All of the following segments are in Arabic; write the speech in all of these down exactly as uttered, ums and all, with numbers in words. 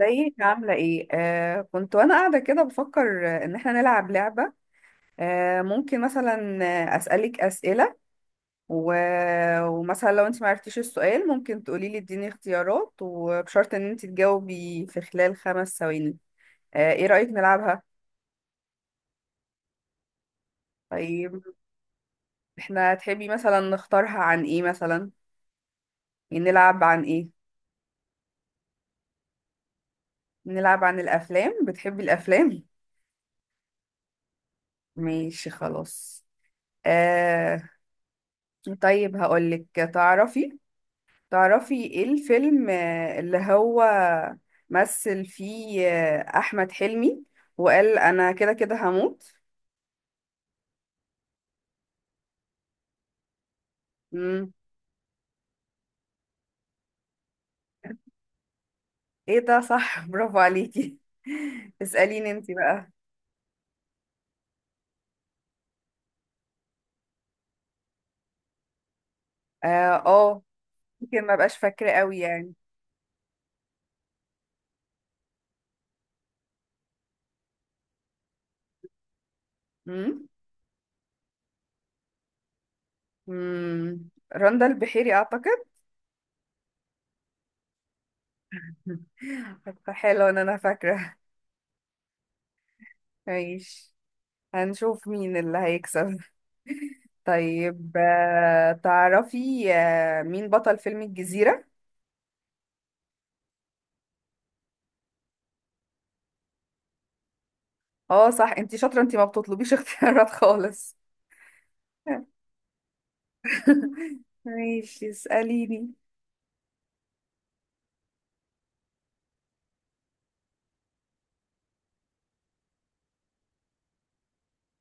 ازيك؟ عاملة ايه؟ آه كنت وانا قاعدة كده بفكر آه، ان احنا نلعب لعبة. آه ممكن مثلا آه، اسألك اسئلة و... ومثلا لو انت معرفتيش السؤال ممكن تقولي لي اديني اختيارات، وبشرط ان انت تجاوبي في خلال خمس ثواني. آه ايه رأيك نلعبها؟ طيب، احنا تحبي مثلا نختارها عن ايه مثلا؟ يعني نلعب عن ايه؟ نلعب عن الافلام، بتحبي الافلام؟ ماشي خلاص. آه طيب هقولك، تعرفي تعرفي ايه الفيلم آه، اللي هو مثل فيه آه، احمد حلمي وقال انا كده كده هموت. امم ايه ده، صح، برافو عليكي. اسأليني انتي بقى. اه آه، يمكن ما بقاش فاكرة قوي يعني. امم امم رندا البحيري اعتقد. حلو ان انا فاكرة. ماشي، هنشوف مين اللي هيكسب. طيب آه، تعرفي آه، مين بطل فيلم الجزيرة؟ اه صح، انتي شاطرة، انتي ما بتطلبيش اختيارات خالص. ماشي اسأليني.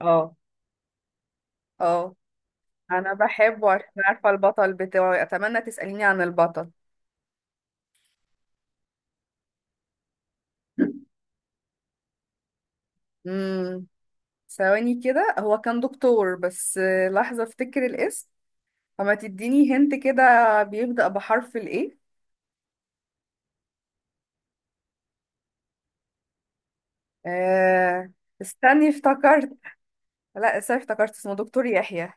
اه اه، انا بحبه عشان عارفة البطل بتاعي، اتمنى تسأليني عن البطل. امم ثواني كده، هو كان دكتور بس آه، لحظة افتكر الاسم. فما تديني هنت كده، بيبدأ بحرف الايه؟ آه، استني افتكرت. لا استني افتكرت، اسمه دكتور يحيى.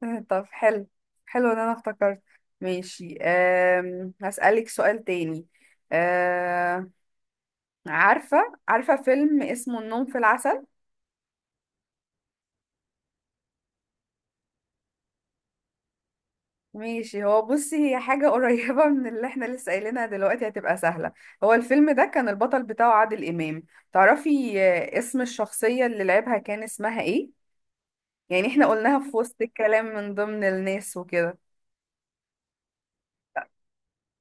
طب حلو، حلو ان انا افتكرت. ماشي أم... هسألك سؤال تاني. أم... عارفة عارفة فيلم اسمه النوم في العسل؟ ماشي هو بصي، هي حاجة قريبة من اللي احنا لسه قايلينها دلوقتي، هتبقى سهلة. هو الفيلم ده كان البطل بتاعه عادل إمام، تعرفي آه، اسم الشخصية اللي لعبها كان اسمها ايه؟ يعني احنا قلناها في وسط الكلام من ضمن الناس وكده.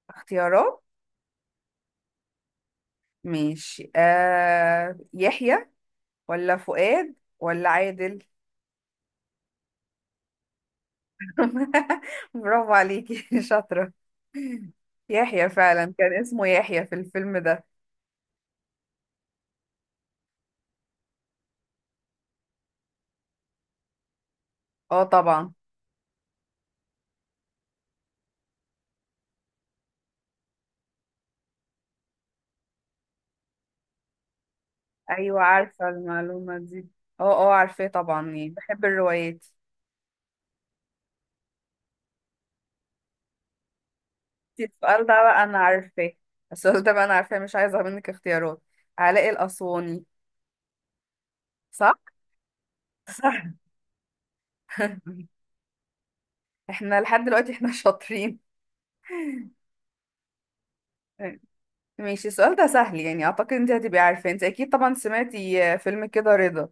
اختيارات. ماشي آه... يحيى، ولا فؤاد، ولا عادل؟ برافو عليكي شاطرة، يحيى فعلا كان اسمه يحيى في الفيلم ده. اه طبعا. ايوه عارفة المعلومة دي. اه اه عارفاه طبعا، يعني بحب الروايات. السؤال ده بقى انا عارفاه السؤال ده بقى انا عارفاه، مش عايزة منك اختيارات، علاء الأسواني، صح؟ صح. احنا لحد دلوقتي احنا شاطرين. ماشي، السؤال ده سهل يعني، اعتقد انت هتبقي عارفة، انت اكيد طبعا سمعتي آه، فيلم كده رضا،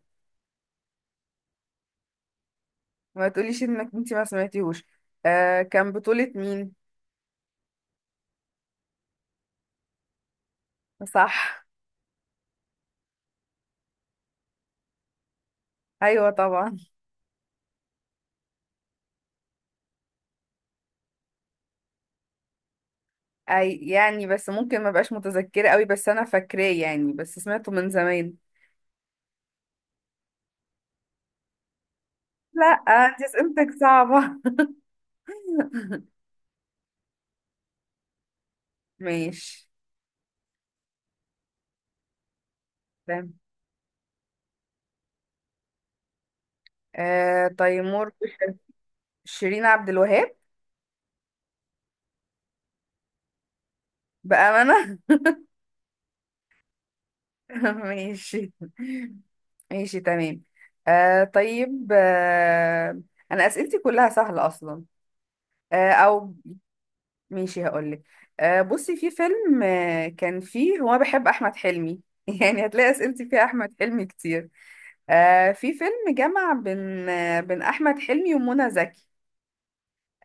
ما تقوليش انك انت ما سمعتيهوش. آه كان بطولة مين؟ صح. ايوه طبعا. اي يعني، بس ممكن ما بقاش متذكره قوي، بس انا فاكراه يعني، بس سمعته من زمان. لا انت اسئلتك صعبه. ماشي تمام. آه تيمور وش- شيرين عبد الوهاب. بامانه. ماشي، ماشي تمام. آه طيب آه انا اسئلتي كلها سهله اصلا. آه او ماشي هقولك. آه بصي في فيلم آه كان فيه هو، أنا بحب أحمد حلمي يعني هتلاقي أسئلتي فيها أحمد حلمي كتير. آه في فيلم جمع بين آه بين أحمد حلمي ومنى زكي،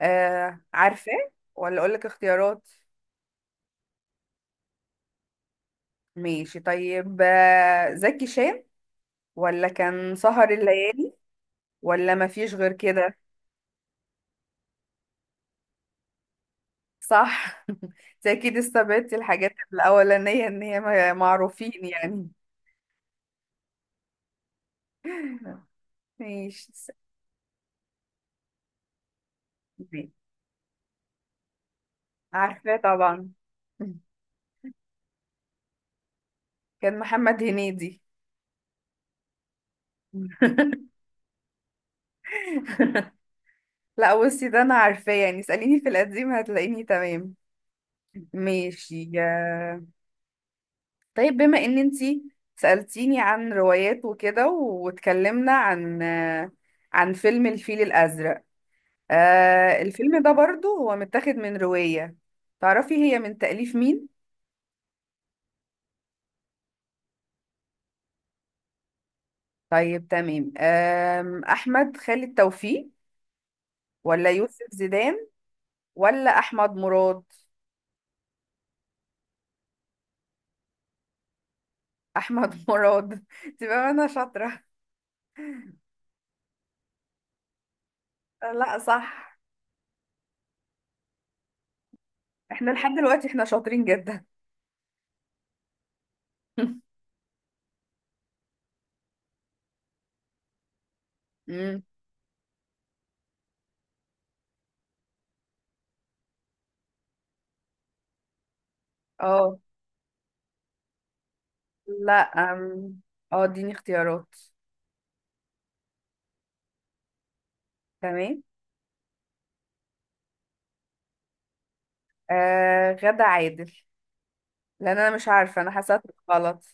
آه عارفاه ولا أقولك اختيارات؟ ماشي طيب، آه زكي شان، ولا كان سهر الليالي، ولا مفيش غير كده؟ صح. أنت أكيد استبعدتي الحاجات الأولانية إن هي معروفين يعني. ماشي. عارفاه طبعا. كان محمد هنيدي. لا بصي ده انا عارفاه يعني، اسأليني في القديم هتلاقيني تمام. ماشي يا- طيب بما ان انتي سألتيني عن روايات وكده، واتكلمنا عن عن فيلم الفيل الأزرق، آه الفيلم ده برضو هو متاخد من رواية، تعرفي هي من تأليف مين؟ طيب تمام آم، أحمد خالد توفيق، ولا يوسف زيدان، ولا أحمد مراد؟ احمد مراد. تبقى انا شاطره. لا صح. احنا لحد دلوقتي احنا شاطرين جدا. امم اه. لا أم، اه اديني اختيارات. تمام. آه غدا عادل، لان انا مش عارفه، انا حسيت غلط.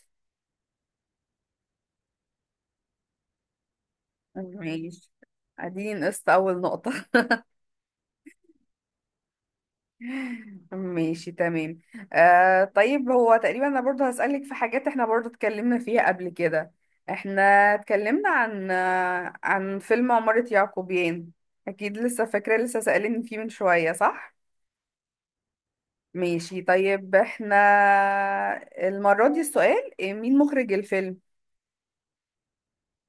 ماشي، اديني نقصت اول نقطه. ماشي تمام. آه طيب هو تقريبا انا برضه هسألك في حاجات احنا برضه اتكلمنا فيها قبل كده. احنا اتكلمنا عن آه، عن فيلم عمارة يعقوبيان، اكيد لسه فاكرة، لسه سألني فيه من شوية صح. ماشي طيب، احنا المرة دي السؤال إيه، مين مخرج الفيلم؟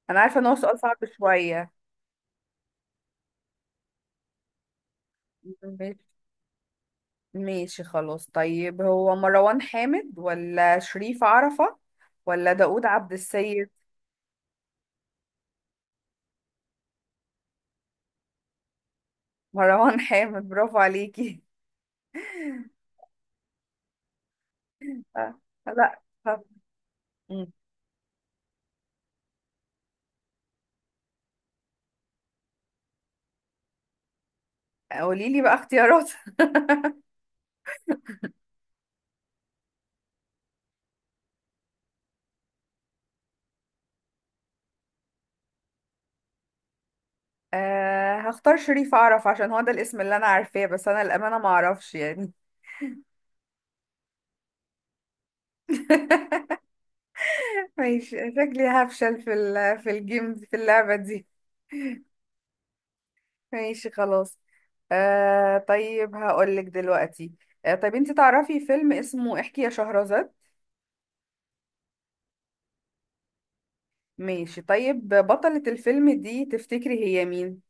انا عارفة ان هو سؤال صعب شوية. ماشي، ماشي خلاص، طيب هو مروان حامد، ولا شريف عرفة، ولا داوود عبد السيد؟ مروان حامد، برافو عليكي. آه، لا قولي لي بقى اختيارات. أه هختار شريف اعرف، عشان هو ده الاسم اللي انا عارفاه، بس انا الامانه ما اعرفش يعني. ماشي شكلي هفشل في ال- في الجيم دي- في اللعبه دي. ماشي خلاص. أه طيب هقول لك دلوقتي، أه طيب انت تعرفي فيلم اسمه احكي يا شهرزاد؟ ماشي، طيب بطلة الفيلم دي تفتكري هي مين؟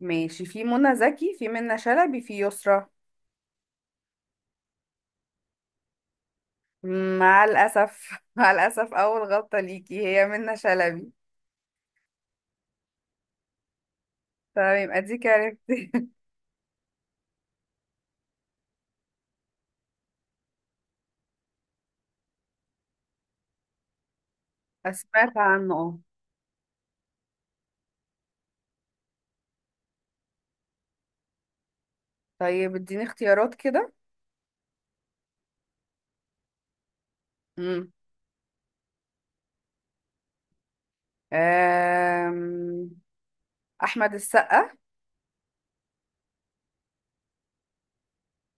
ماشي، في منى زكي، في منى شلبي، في يسرى. مع الأسف. مع الأسف، أول غلطة ليكي، هي منة شلبي. تمام يبقى ديك عرفتي. سمعت عنه اه. طيب اديني اختيارات كده. مم. آم، أحمد السقا.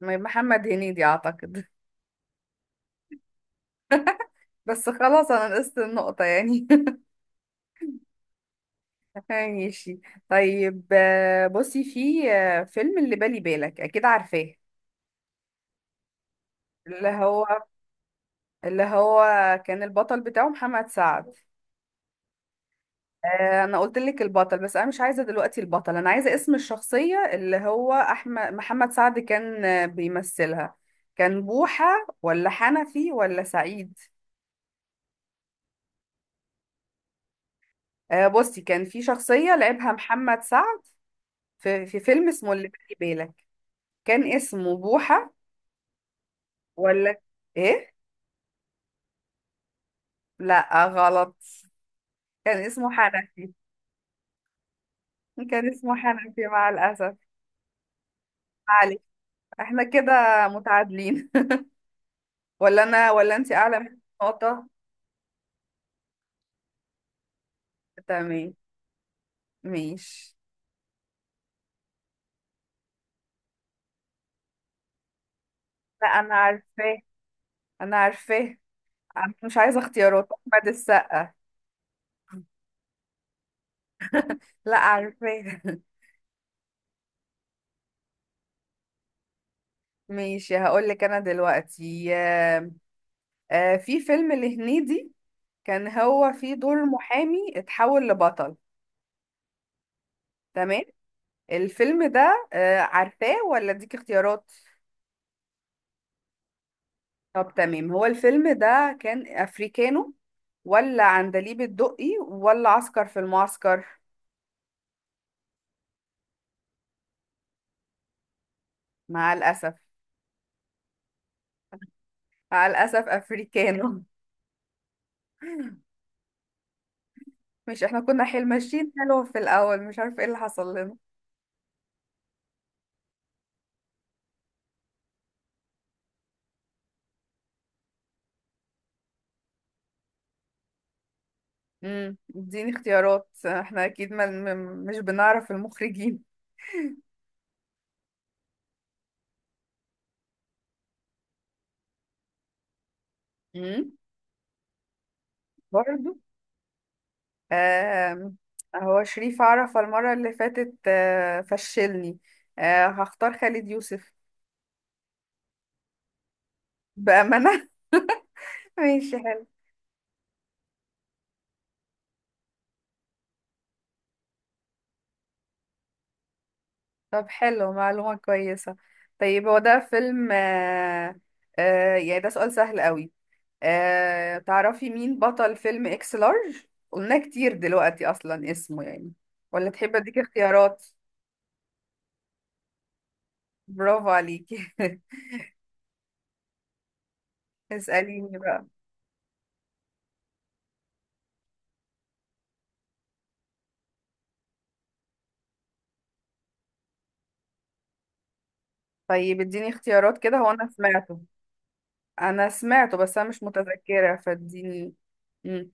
م- محمد هنيدي أعتقد. بس خلاص أنا نقصت النقطة يعني. ماشي طيب آه، بصي في آه، فيلم اللي بالي بالك، أكيد عارفاه. اللي هو اللي هو كان البطل بتاعه محمد سعد. آه، انا قلت لك البطل، بس انا مش عايزه دلوقتي البطل، انا عايزه اسم الشخصيه اللي هو احمد محمد سعد كان آه، بيمثلها. كان بوحه، ولا حنفي، ولا سعيد؟ آه، بصي كان في شخصيه لعبها محمد سعد في, في فيلم اسمه اللي بالي بالك، كان اسمه بوحه، ولا ايه؟ لا غلط، كان اسمه حنفي. كان اسمه حنفي مع الاسف. ما عليك، احنا كده متعادلين. ولا انا ولا انت اعلى من نقطه. تمام ماشي. لا انا عارفاه، انا عارفاه، أنا مش عايزه اختيارات، احمد السقا. لا عارفاه. ماشي هقول لك انا دلوقتي، آه، آه، في فيلم لهنيدي كان هو فيه دور محامي اتحول لبطل، تمام؟ الفيلم ده آه، عارفاه ولا اديك اختيارات؟ طب تمام، هو الفيلم ده كان افريكانو، ولا عندليب الدقي، ولا عسكر في المعسكر؟ مع الاسف، مع الاسف افريكانو. مش احنا كنا حيل ماشيين حلو في الاول، مش عارفه ايه اللي حصل لنا. امم اديني اختيارات، احنا اكيد ما م- مش بنعرف المخرجين. امم برضو آم، هو شريف عرفة المرة اللي فاتت آه، فشلني. آه، هختار خالد يوسف، بأمانة. ماشي حلو. طب حلو معلومة كويسة. طيب هو ده فيلم آه، آه، يعني ده سؤال سهل قوي. آه، تعرفي مين بطل فيلم اكس لارج؟ قلنا كتير دلوقتي اصلا اسمه يعني، ولا تحبي اديك اختيارات؟ برافو عليكي. اسأليني بقى. طيب اديني اختيارات كده، هو انا سمعته، انا سمعته بس انا مش متذكرة فاديني. مم.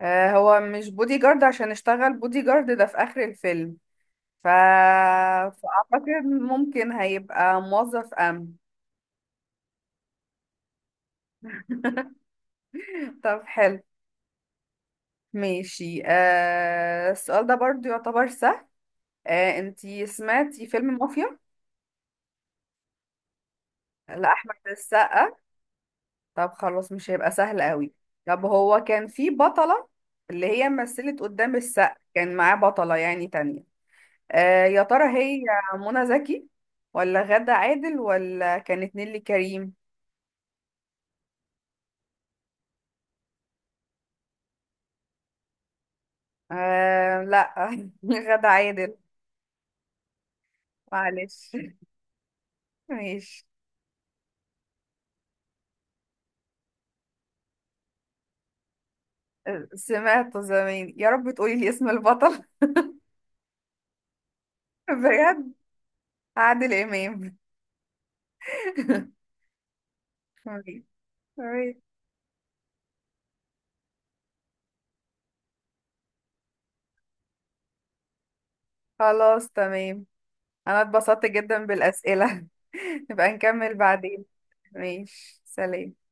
آه هو مش بودي جارد، عشان اشتغل بودي جارد ده في اخر الفيلم، ف... فاعتقد ممكن هيبقى موظف امن. طب حلو. ماشي، آه السؤال ده برضو يعتبر سهل. آه انتي سمعتي فيلم مافيا لأحمد السقا؟ طب خلاص، مش هيبقى سهل قوي. طب هو كان في بطلة، اللي هي مثلت قدام السقا، كان معاه بطلة يعني تانية. آه يا ترى هي منى زكي، ولا غادة عادل، ولا كانت نيللي كريم؟ آه لا. غادة عادل، معلش. ماشي. سمعت زمان، يا رب تقولي لي اسم البطل. بجد، عادل إمام. ماشي. خلاص تمام، انا اتبسطت جدا بالاسئله. نبقى نكمل بعدين. ماشي سلام.